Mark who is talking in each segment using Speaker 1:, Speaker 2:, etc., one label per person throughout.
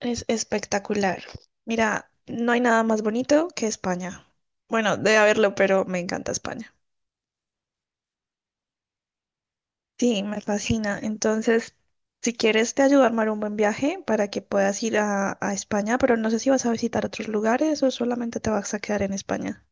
Speaker 1: Es espectacular. Mira, no hay nada más bonito que España. Bueno, debe haberlo, pero me encanta España. Sí, me fascina. Entonces, si quieres, te ayudo a armar un buen viaje para que puedas ir a España, pero no sé si vas a visitar otros lugares o solamente te vas a quedar en España.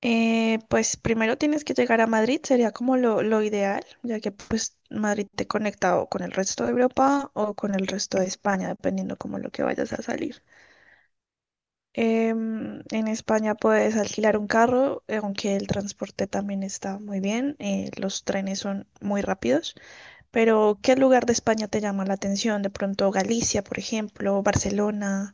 Speaker 1: Pues primero tienes que llegar a Madrid, sería como lo ideal, ya que pues Madrid te conecta o con el resto de Europa o con el resto de España, dependiendo como lo que vayas a salir. En España puedes alquilar un carro, aunque el transporte también está muy bien, los trenes son muy rápidos. Pero, ¿qué lugar de España te llama la atención? De pronto Galicia, por ejemplo, Barcelona.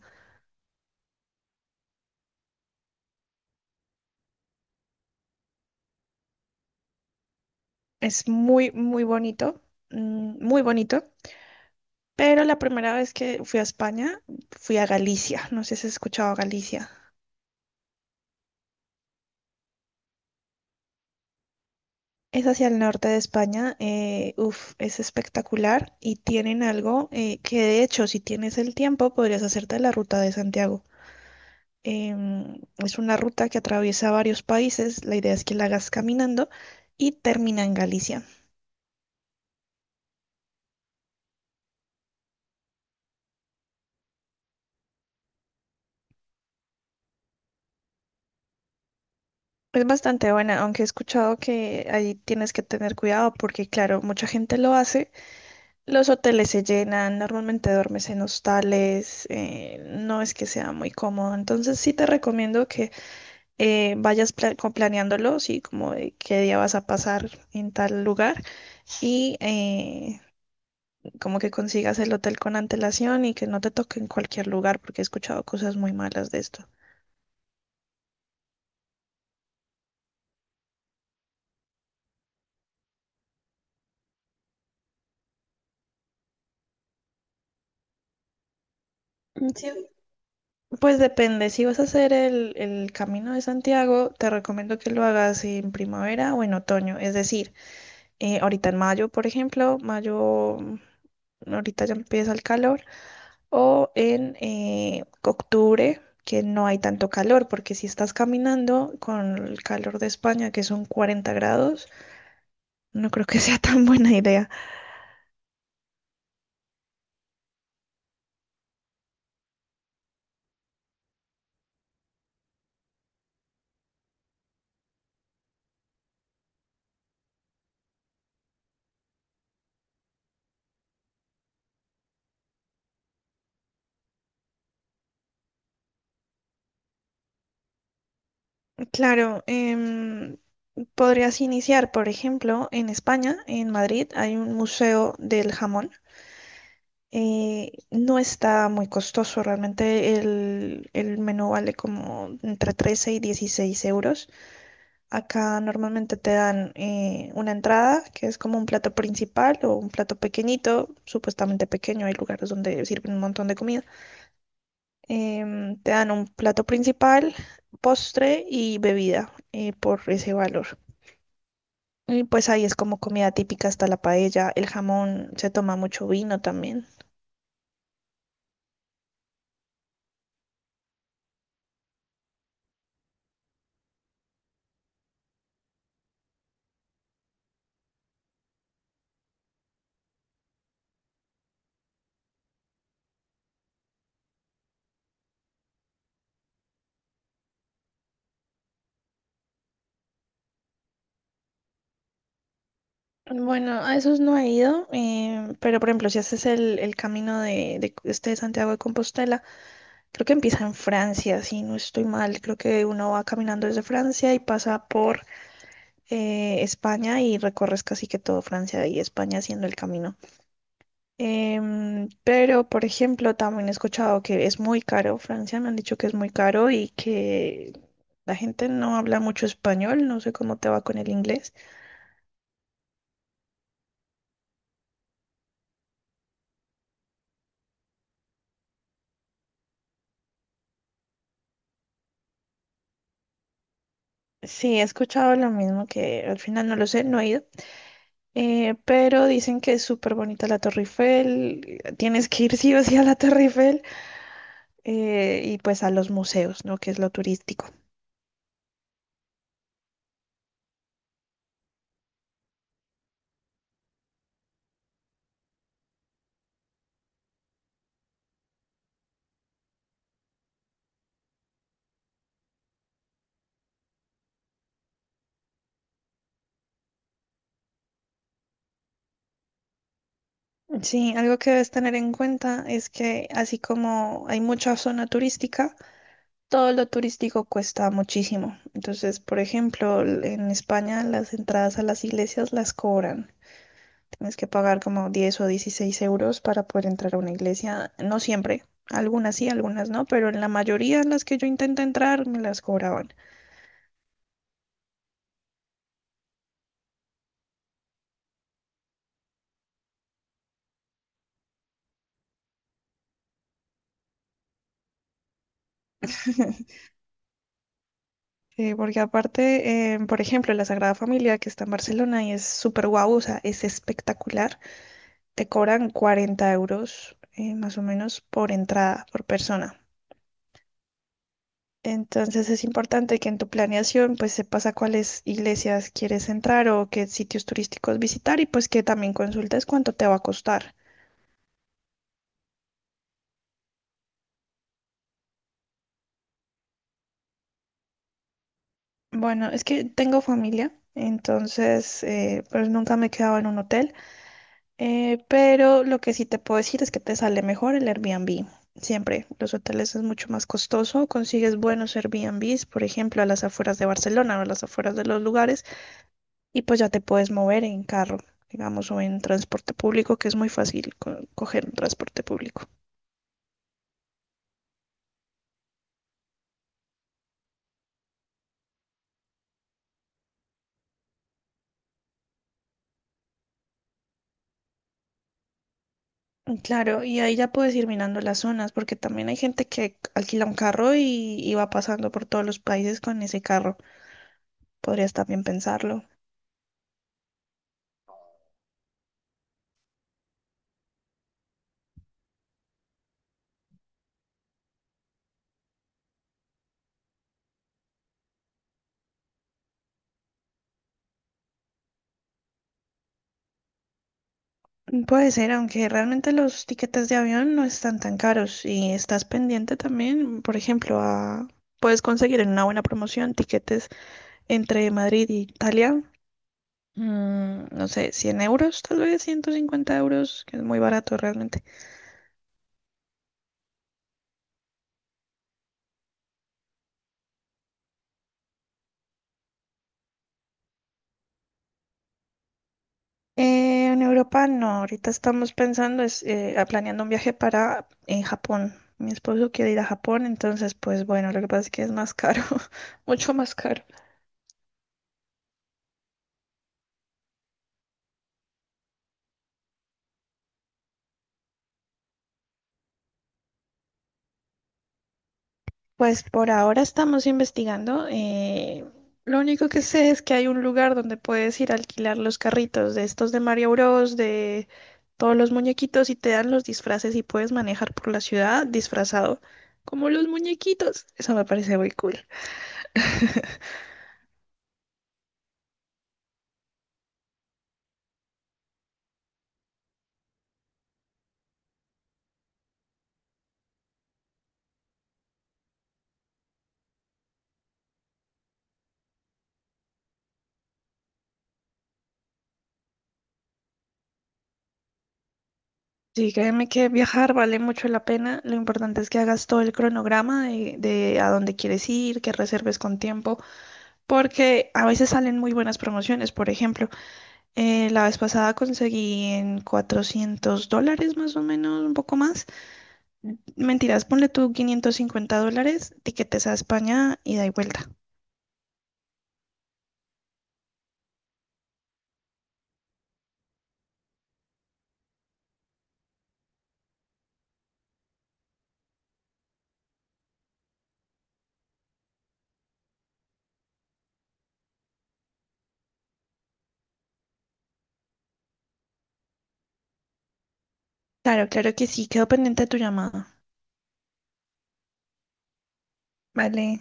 Speaker 1: Es muy, muy bonito, muy bonito. Pero la primera vez que fui a España, fui a Galicia. No sé si has escuchado Galicia. Es hacia el norte de España, uf, es espectacular y tienen algo que de hecho si tienes el tiempo podrías hacerte la ruta de Santiago. Es una ruta que atraviesa varios países, la idea es que la hagas caminando y termina en Galicia. Es bastante buena, aunque he escuchado que ahí tienes que tener cuidado porque claro, mucha gente lo hace, los hoteles se llenan, normalmente duermes en hostales, no es que sea muy cómodo, entonces sí te recomiendo que vayas planeándolo, sí, como de qué día vas a pasar en tal lugar y como que consigas el hotel con antelación y que no te toque en cualquier lugar, porque he escuchado cosas muy malas de esto. Mm, sí, pues depende, si vas a hacer el Camino de Santiago, te recomiendo que lo hagas en primavera o en otoño, es decir, ahorita en mayo, por ejemplo, mayo, ahorita ya empieza el calor, o en octubre, que no hay tanto calor, porque si estás caminando con el calor de España, que son 40 grados, no creo que sea tan buena idea. Claro, podrías iniciar, por ejemplo, en España, en Madrid, hay un museo del jamón. No está muy costoso, realmente el menú vale como entre 13 y 16 euros. Acá normalmente te dan una entrada, que es como un plato principal o un plato pequeñito, supuestamente pequeño, hay lugares donde sirven un montón de comida. Te dan un plato principal, postre y bebida por ese valor. Y pues ahí es como comida típica, está la paella, el jamón, se toma mucho vino también. Bueno, a esos no he ido, pero por ejemplo, si haces el camino de este de Santiago de Compostela, creo que empieza en Francia, si no estoy mal. Creo que uno va caminando desde Francia y pasa por España y recorres casi que todo Francia y España haciendo el camino. Pero, por ejemplo, también he escuchado que es muy caro Francia, me han dicho que es muy caro y que la gente no habla mucho español, no sé cómo te va con el inglés. Sí, he escuchado lo mismo, que al final no lo sé, no he ido. Pero dicen que es súper bonita la Torre Eiffel, tienes que ir sí o sí a la Torre Eiffel. Y pues a los museos, ¿no? Que es lo turístico. Sí, algo que debes tener en cuenta es que así como hay mucha zona turística, todo lo turístico cuesta muchísimo. Entonces, por ejemplo, en España las entradas a las iglesias las cobran. Tienes que pagar como 10 o 16 euros para poder entrar a una iglesia. No siempre, algunas sí, algunas no, pero en la mayoría de las que yo intenté entrar me las cobraban. Sí, porque aparte, por ejemplo, la Sagrada Familia que está en Barcelona y es súper guau, o sea, es espectacular. Te cobran 40 euros más o menos por entrada, por persona. Entonces es importante que en tu planeación pues sepas a cuáles iglesias quieres entrar o qué sitios turísticos visitar y pues que también consultes cuánto te va a costar. Bueno, es que tengo familia, entonces pues nunca me he quedado en un hotel. Pero lo que sí te puedo decir es que te sale mejor el Airbnb. Siempre, los hoteles es mucho más costoso, consigues buenos Airbnbs, por ejemplo, a las afueras de Barcelona o a las afueras de los lugares, y pues ya te puedes mover en carro, digamos, o en transporte público, que es muy fácil coger un transporte público. Mm, claro, y ahí ya puedes ir mirando las zonas, porque también hay gente que alquila un carro y va pasando por todos los países con ese carro. Podrías también pensarlo. Mm, puede ser, aunque realmente los tiquetes de avión no están tan caros y estás pendiente también, por ejemplo, puedes conseguir en una buena promoción tiquetes entre Madrid y Italia, no sé, 100 euros, tal vez 150 euros, que es muy barato realmente. En Europa no, ahorita estamos pensando, planeando un viaje para en Japón. Mi esposo quiere ir a Japón, entonces pues bueno, lo que pasa es que es más caro, mucho más caro. Pues por ahora estamos investigando. Lo único que sé es que hay un lugar donde puedes ir a alquilar los carritos de estos de Mario Bros, de todos los muñequitos y te dan los disfraces y puedes manejar por la ciudad disfrazado como los muñequitos. Eso me parece muy cool. Sí, créeme que viajar vale mucho la pena. Lo importante es que hagas todo el cronograma de a dónde quieres ir, que reserves con tiempo, porque a veces salen muy buenas promociones. Por ejemplo, la vez pasada conseguí en $400 más o menos, un poco más. Mentiras, ponle tú $550, tiquetes a España ida y da y vuelta. Claro, claro que sí, quedo pendiente de tu llamada. Vale.